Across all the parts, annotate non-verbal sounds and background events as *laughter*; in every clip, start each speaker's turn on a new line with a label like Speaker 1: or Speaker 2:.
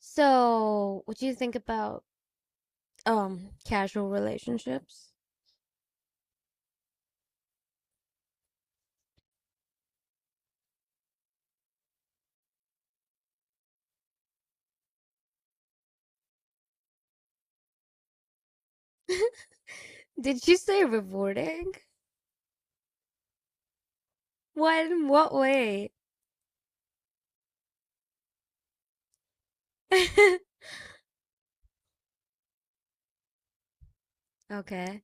Speaker 1: So, what do you think about casual relationships? *laughs* Did you say rewarding? What in what way? *laughs* Okay.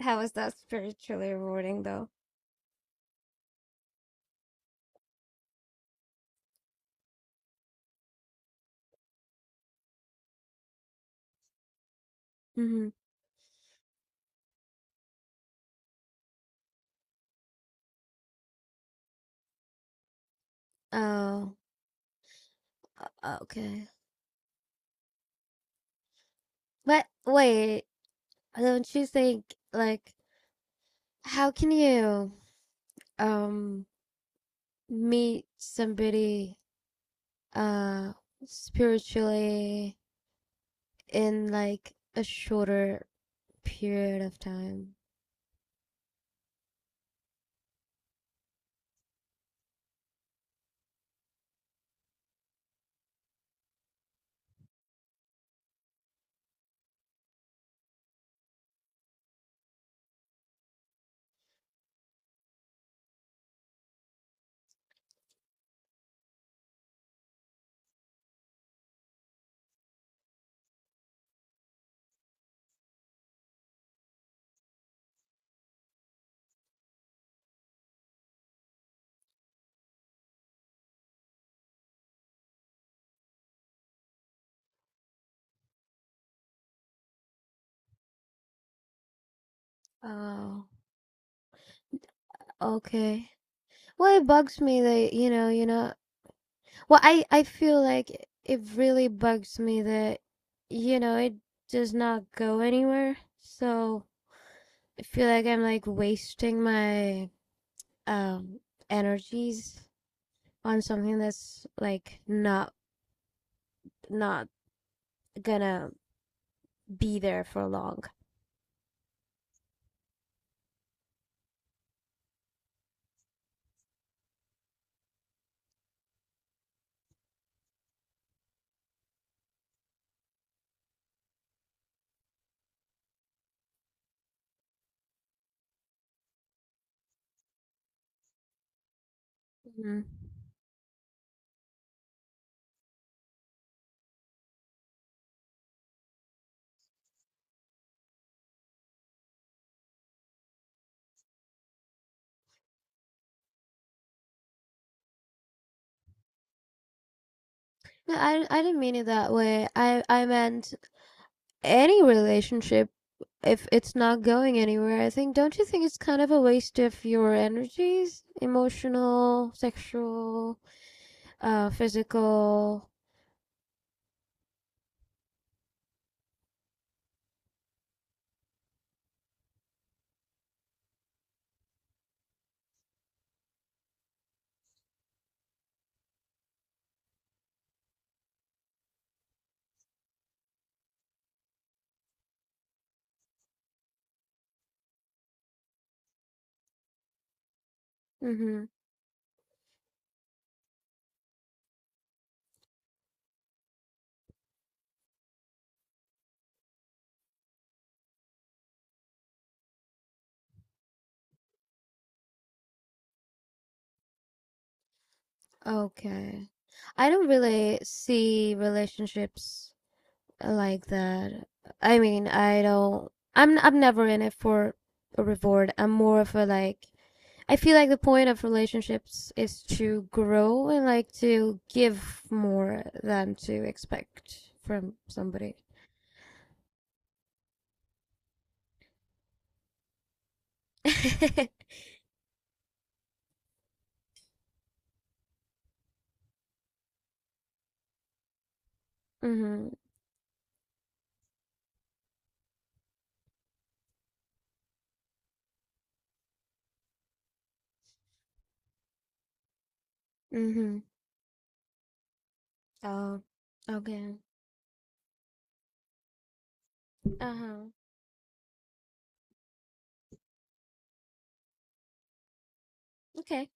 Speaker 1: How is that spiritually rewarding though? Mm-hmm. Oh, okay. But wait, don't you think, like, how can you um meet somebody uh spiritually in like a shorter period of time? Oh, okay. Well, it bugs me that, you know. Well, I feel like it really bugs me that, you know, it does not go anywhere. So, I feel like I'm like wasting my um energies on something that's like not not gonna be there for long. Mhm. No, I didn't mean it that way. I meant any relationship if it's not going anywhere. I think, don't you think it's kind of a waste of your energies, emotional, sexual, physical. Mm-hmm. Okay. I don't really see relationships like that. I mean, I don't. I'm never in it for a reward. I'm more of a like. I feel like the point of relationships is to grow and like to give more than to expect from somebody. *laughs* Mhm. Mhm. Oh. Okay. Uh huh. Okay.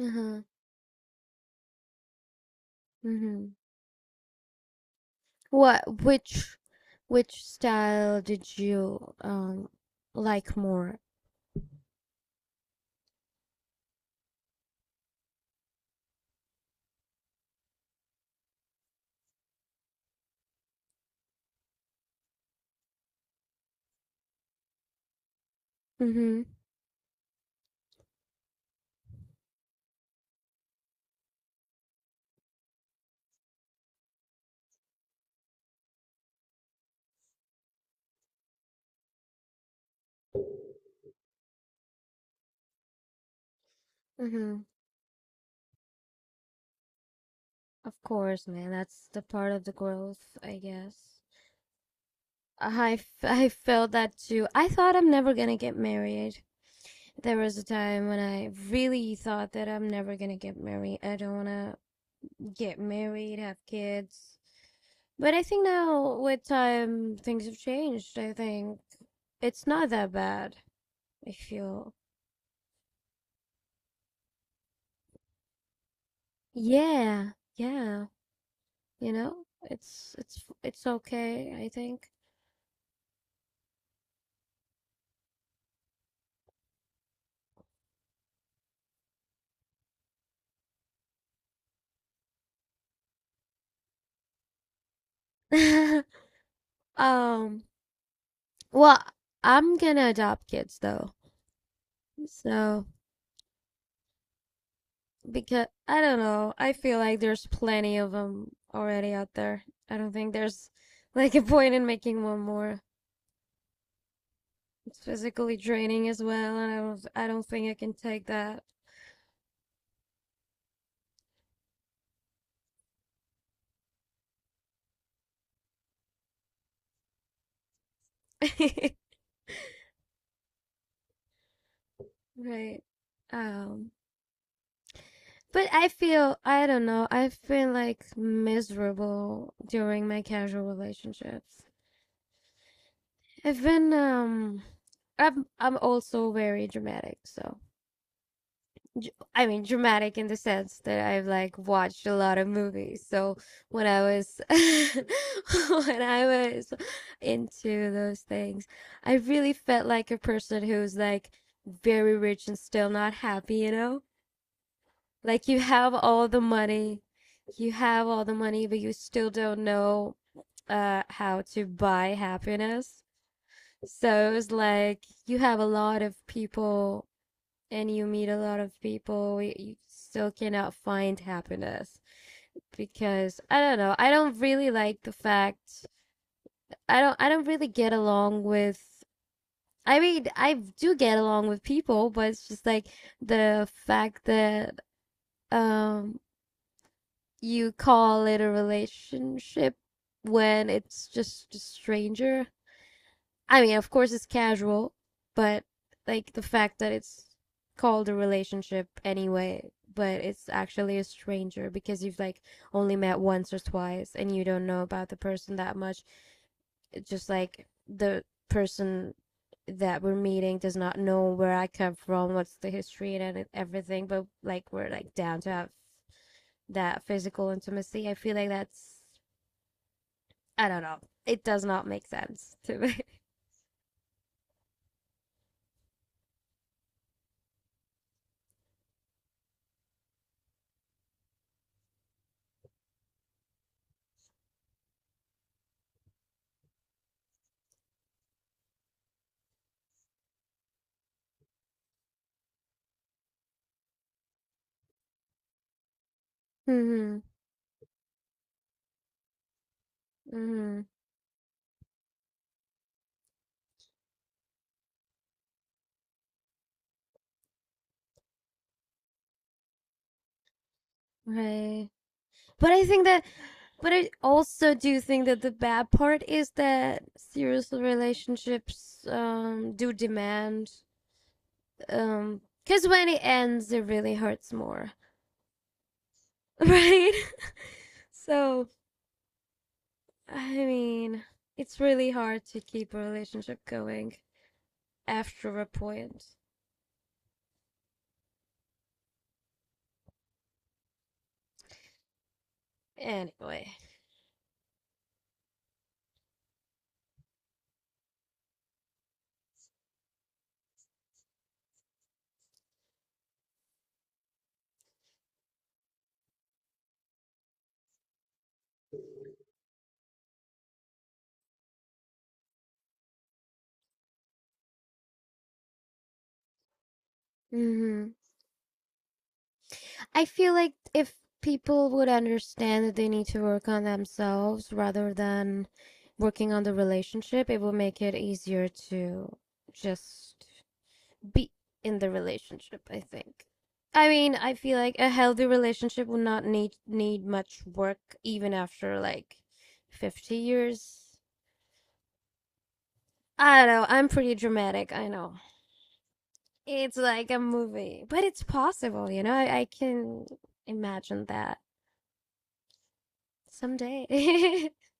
Speaker 1: Uh huh. Mhm. What? Which? Which style did you like more? Mhm. Mhm. Of course, man. That's the part of the growth, I guess. *laughs* I felt that too. I thought I'm never gonna get married. There was a time when I really thought that I'm never gonna get married. I don't wanna get married, have kids. But I think now, with time, things have changed. I think it's not that bad. I feel. Yeah, yeah. You know, it's okay, I think. *laughs* um Well, I'm gonna adopt kids though. So, because I don't know, I feel like there's plenty of them already out there. I don't think there's like a point in making one more. It's physically draining as well, and I don't think I can take that. *laughs* Right. Um, but I feel, I don't know, I have been like miserable during my casual relationships. I've been I'm also very dramatic, so I mean, dramatic in the sense that I've like watched a lot of movies. So when I was *laughs* when I was into those things, I really felt like a person who's like very rich and still not happy, you know? Like you have all the money, but you still don't know how to buy happiness. So it was like you have a lot of people and you meet a lot of people, you still cannot find happiness because I don't know. I don't really like the fact I don't really get along with I mean, I do get along with people, but it's just like the fact that um you call it a relationship when it's just a stranger. I mean, of course it's casual, but like the fact that it's called a relationship anyway, but it's actually a stranger because you've like only met once or twice and you don't know about the person that much. It's just like the person that we're meeting does not know where I come from, what's the history and everything, but like we're like down to have that physical intimacy. I feel like that's, I don't know. It does not make sense to me. *laughs* Hmm. Hmm. Right. But I think that, but I also do think that the bad part is that serious relationships do demand, because when it ends, it really hurts more, *laughs* right? *laughs* So, I mean, it's really hard to keep a relationship going after a point. Anyway. Mm-hmm. I feel like if people would understand that they need to work on themselves rather than working on the relationship, it will make it easier to just be in the relationship, I think. I mean, I feel like a healthy relationship will not need much work even after like 50 years. I don't know, I'm pretty dramatic, I know. It's like a movie, but it's possible, you know? I can imagine that someday. *laughs*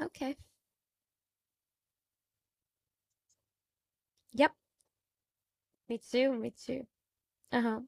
Speaker 1: Okay. Yep. Me too. Me too. Uh huh.